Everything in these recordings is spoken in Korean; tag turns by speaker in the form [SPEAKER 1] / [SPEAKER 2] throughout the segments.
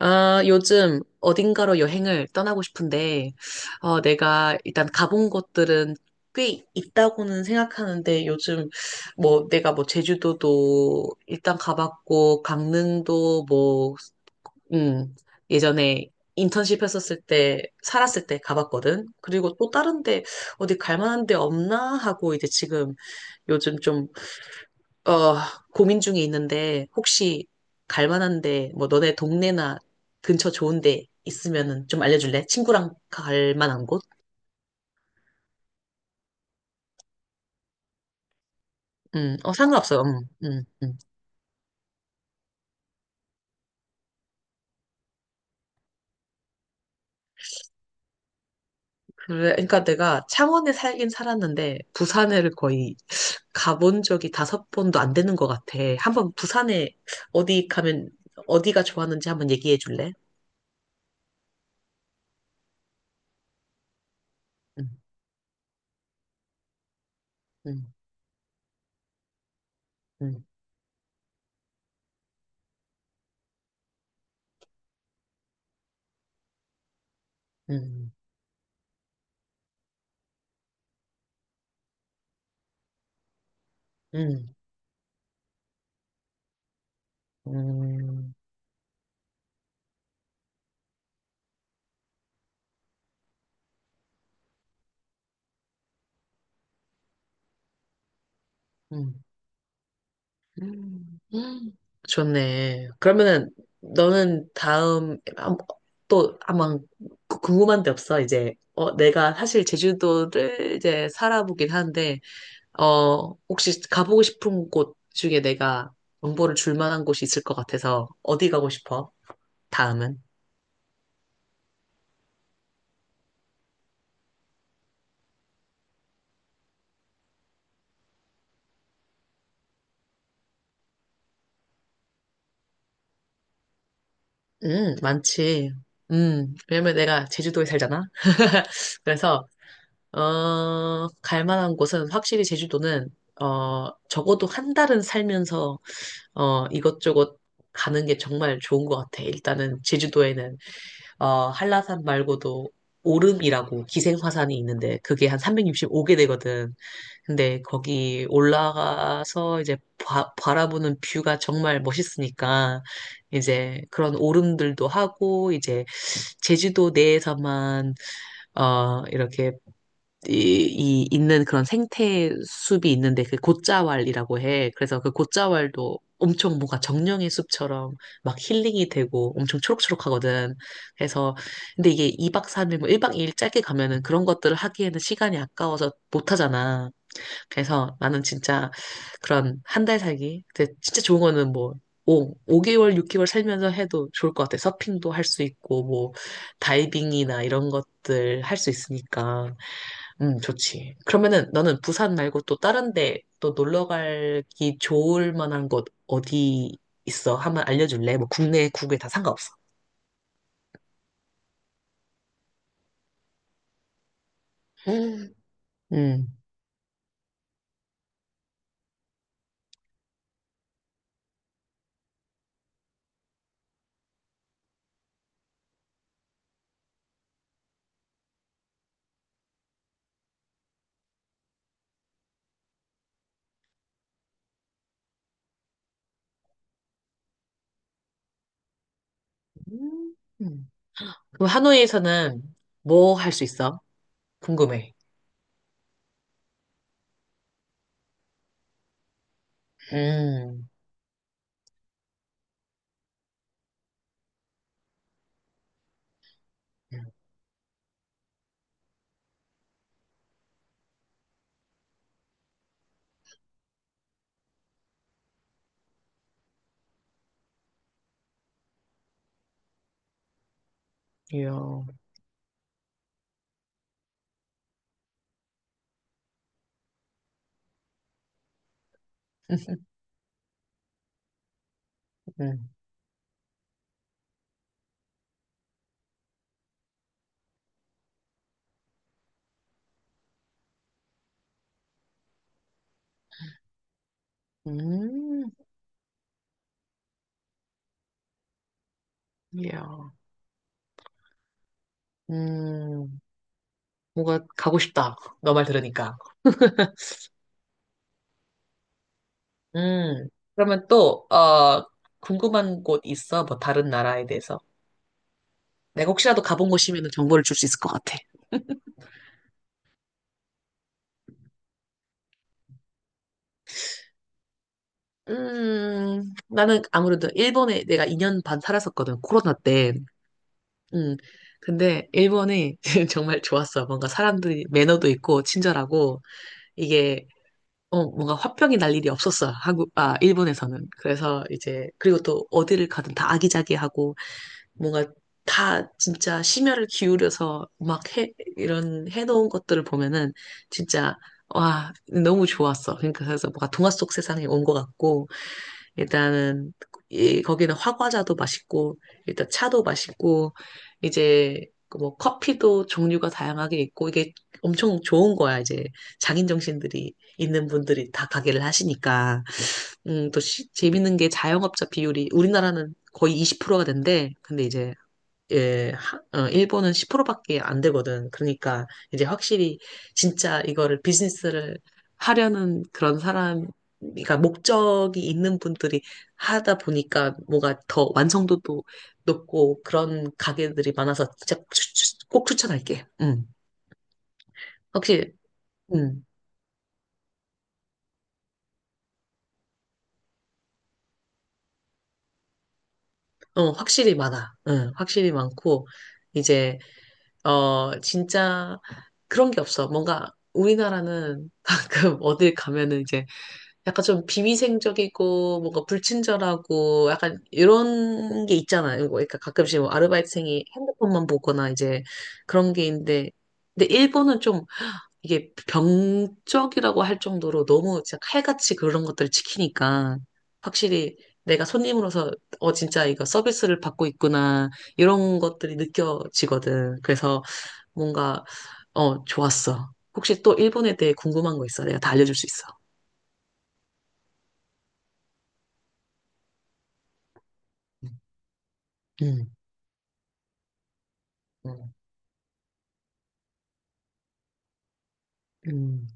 [SPEAKER 1] 아, 요즘 어딘가로 여행을 떠나고 싶은데, 내가 일단 가본 곳들은 꽤 있다고는 생각하는데, 요즘 뭐 내가 뭐 제주도도 일단 가봤고, 강릉도 뭐, 음, 예전에 인턴십 했었을 때, 살았을 때 가봤거든. 그리고 또 다른 데 어디 갈 만한 데 없나 하고 이제 지금 요즘 좀 어, 고민 중에 있는데, 혹시 갈 만한 데, 뭐, 너네 동네나 근처 좋은 데 있으면은 좀 알려줄래? 친구랑 갈 만한 곳? 어, 상관없어. 음. 음. 음. 그래, 그러니까 내가 창원에 살긴 살았는데, 부산을 거의 가본 적이 다섯 번도 안 되는 것 같아. 한번 부산에 어디 가면, 어디가 좋았는지 한번 얘기해 줄래? 음. 음. 음. 음. 음. 음. 음. 음, 음, 좋네. 그러면은 너는 다음 또 아마 궁금한 데 없어? 이제 내가 사실 제주도를 이제 살아보긴 하는데 혹시 가보고 싶은 곳 중에 내가 정보를 줄 만한 곳이 있을 것 같아서 어디 가고 싶어? 다음은? 많지. 왜냐면 내가 제주도에 살잖아. 그래서 갈 만한 곳은 확실히 제주도는, 적어도 한 달은 살면서, 이것저것 가는 게 정말 좋은 것 같아. 일단은 제주도에는, 한라산 말고도 오름이라고 기생화산이 있는데 그게 한 365개 되거든. 근데 거기 올라가서 이제 바라보는 뷰가 정말 멋있으니까 이제 그런 오름들도 하고 이제 제주도 내에서만 이렇게 이, 이 있는 그런 생태 숲이 있는데 그 곶자왈이라고 해. 그래서 그 곶자왈도 엄청 뭔가 정령의 숲처럼 막 힐링이 되고 엄청 초록초록하거든. 그래서 근데 이게 2박 3일 뭐 1박 2일 짧게 가면은 그런 것들을 하기에는 시간이 아까워서 못 하잖아. 그래서 나는 진짜 그런 1달 살기. 근데 진짜 좋은 거는 뭐 5, 개월 6개월 살면서 해도 좋을 것 같아. 서핑도 할 수 있고 뭐 다이빙이나 이런 것들 할 수 있으니까. 좋지. 그러면은 너는 부산 말고 또 다른 데 또 놀러 가기 좋을 만한 곳 어디 있어? 한번 알려줄래? 뭐 국내, 국외 다 상관없어. 음. 음. 음. 그럼 하노이에서는 뭐 할 수 있어? 궁금해. 음. 이야. 음. 음. 이야. 음. 뭔가 가고 싶다. 너 말 들으니까. 음. 그러면 또, 궁금한 곳 있어? 뭐 다른 나라에 대해서? 내가 혹시라도 가본 곳이면 정보를 줄 수 있을 것 같아. 나는 아무래도 일본에 내가 2년 반 살았었거든, 코로나 때. 음, 근데 일본이 정말 좋았어. 뭔가 사람들이 매너도 있고 친절하고 이게 뭔가 화병이 날 일이 없었어. 일본에서는. 그래서 이제, 그리고 또 어디를 가든 다 아기자기하고 뭔가 다 진짜 심혈을 기울여서 막 해, 이런 해놓은 것들을 보면은 진짜 와, 너무 좋았어. 그러니까 그래서 뭔가 동화 속 세상에 온 것 같고, 일단은 거기는 화과자도 맛있고, 일단 차도 맛있고, 이제 그뭐 커피도 종류가 다양하게 있고, 이게 엄청 좋은 거야. 이제 장인 정신들이 있는 분들이 다 가게를 하시니까. 또 재밌는 게 자영업자 비율이 우리나라는 거의 20%가 된대. 근데 이제 일본은 10%밖에 안 되거든. 그러니까 이제 확실히 진짜 이거를 비즈니스를 하려는 그런 사람, 그러니까 목적이 있는 분들이 하다 보니까 뭐가 더 완성도도 높고 그런 가게들이 많아서 진짜 꼭 추천할게. 확실히, 음, 확실히 많아. 확실히 많고 이제 진짜 그런 게 없어. 뭔가 우리나라는 가끔 어딜 가면은 이제 약간 좀 비위생적이고 뭔가 불친절하고 약간 이런 게 있잖아요. 뭐 그러니까 가끔씩 뭐 아르바이트생이 핸드폰만 보거나 이제 그런 게 있는데 근데 일본은 좀 이게 병적이라고 할 정도로 너무 진짜 칼같이 그런 것들을 지키니까 확실히 내가 손님으로서 진짜 이거 서비스를 받고 있구나 이런 것들이 느껴지거든. 그래서 뭔가 좋았어. 혹시 또 일본에 대해 궁금한 거 있어? 내가 다 알려줄 수 있어. 음. 음. 음.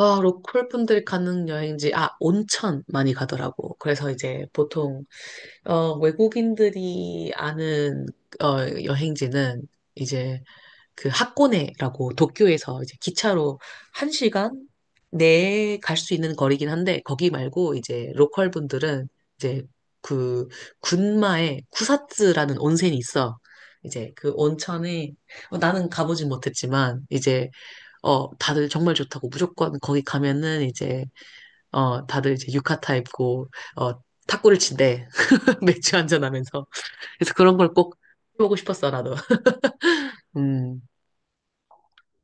[SPEAKER 1] 아, 로컬 분들이 가는 여행지, 아, 온천 많이 가더라고. 그래서 이제 보통, 외국인들이 아는, 어, 여행지는 이제 그 하코네라고 도쿄에서 이제 기차로 1시간 내에 갈 수 있는 거리긴 한데, 거기 말고 이제 로컬 분들은 이제 그 군마에 쿠사츠라는 온천이 있어. 이제 그 온천에, 나는 가보진 못했지만, 이제 다들 정말 좋다고 무조건 거기 가면은 이제, 다들 이제 유카타 입고, 어, 탁구를 친대. 맥주 한잔 하면서. 그래서 그런 걸 꼭 해보고 싶었어, 나도. 음.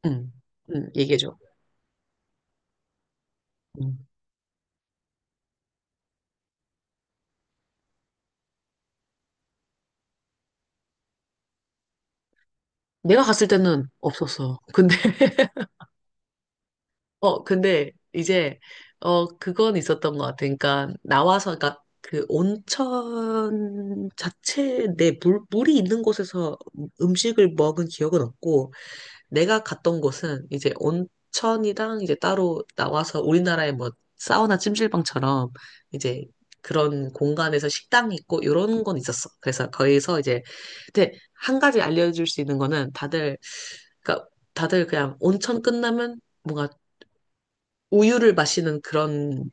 [SPEAKER 1] 음. 얘기해줘. 음. 내가 갔을 때는 없었어. 근데, 근데 이제, 그건 있었던 것 같아. 그러니까, 나와서, 그러니까 그 온천 자체 내 물이 있는 곳에서 음식을 먹은 기억은 없고, 내가 갔던 곳은 이제 온천이랑 이제 따로 나와서 우리나라의 뭐 사우나 찜질방처럼 이제 그런 공간에서 식당이 있고 이런 건 있었어. 그래서 거기서 이제 근데 한 가지 알려줄 수 있는 거는 다들 그러니까 다들 그냥 온천 끝나면 뭔가 우유를 마시는 그런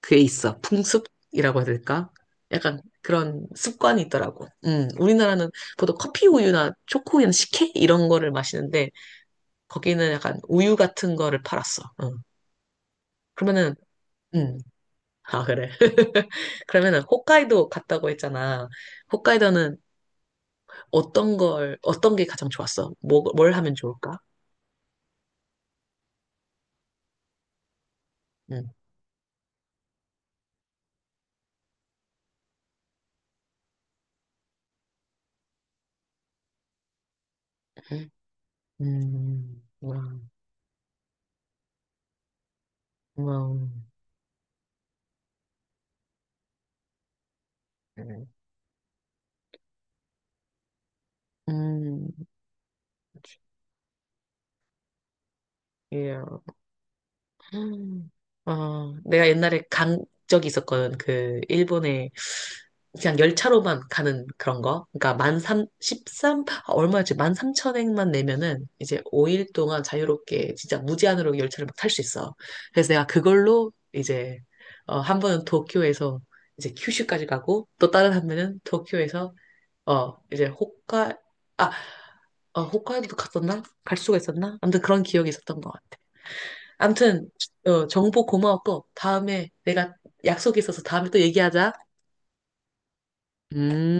[SPEAKER 1] 그게 있어. 풍습이라고 해야 될까? 약간 그런 습관이 있더라고. 우리나라는 보통 커피 우유나 초코우유나 식혜 이런 거를 마시는데 거기는 약간 우유 같은 거를 팔았어. 어. 그러면은, 음. 아, 그래. 그러면은 홋카이도 갔다고 했잖아. 홋카이도는 어떤 게 가장 좋았어? 뭐, 뭘 하면 좋을까? 음. 음. 음. 와, 와, 음. 음. 예. 음. 내가 옛날에 간 적이 있었거든. 그, 일본에 그냥 열차로만 가는 그런 거. 그러니까 만 삼, 13, 아, 얼마였지? 만 삼천 엔만 내면은 이제 5일 동안 자유롭게 진짜 무제한으로 열차를 막 탈 수 있어. 그래서 내가 그걸로 이제, 한 번은 도쿄에서 이제 큐슈까지 가고 또 다른 한 번은 도쿄에서, 이제 아, 홋카이도도 갔었나? 갈 수가 있었나? 아무튼 그런 기억이 있었던 것 같아. 암튼, 정보 고마웠고, 다음에 내가 약속이 있어서 다음에 또 얘기하자. 음.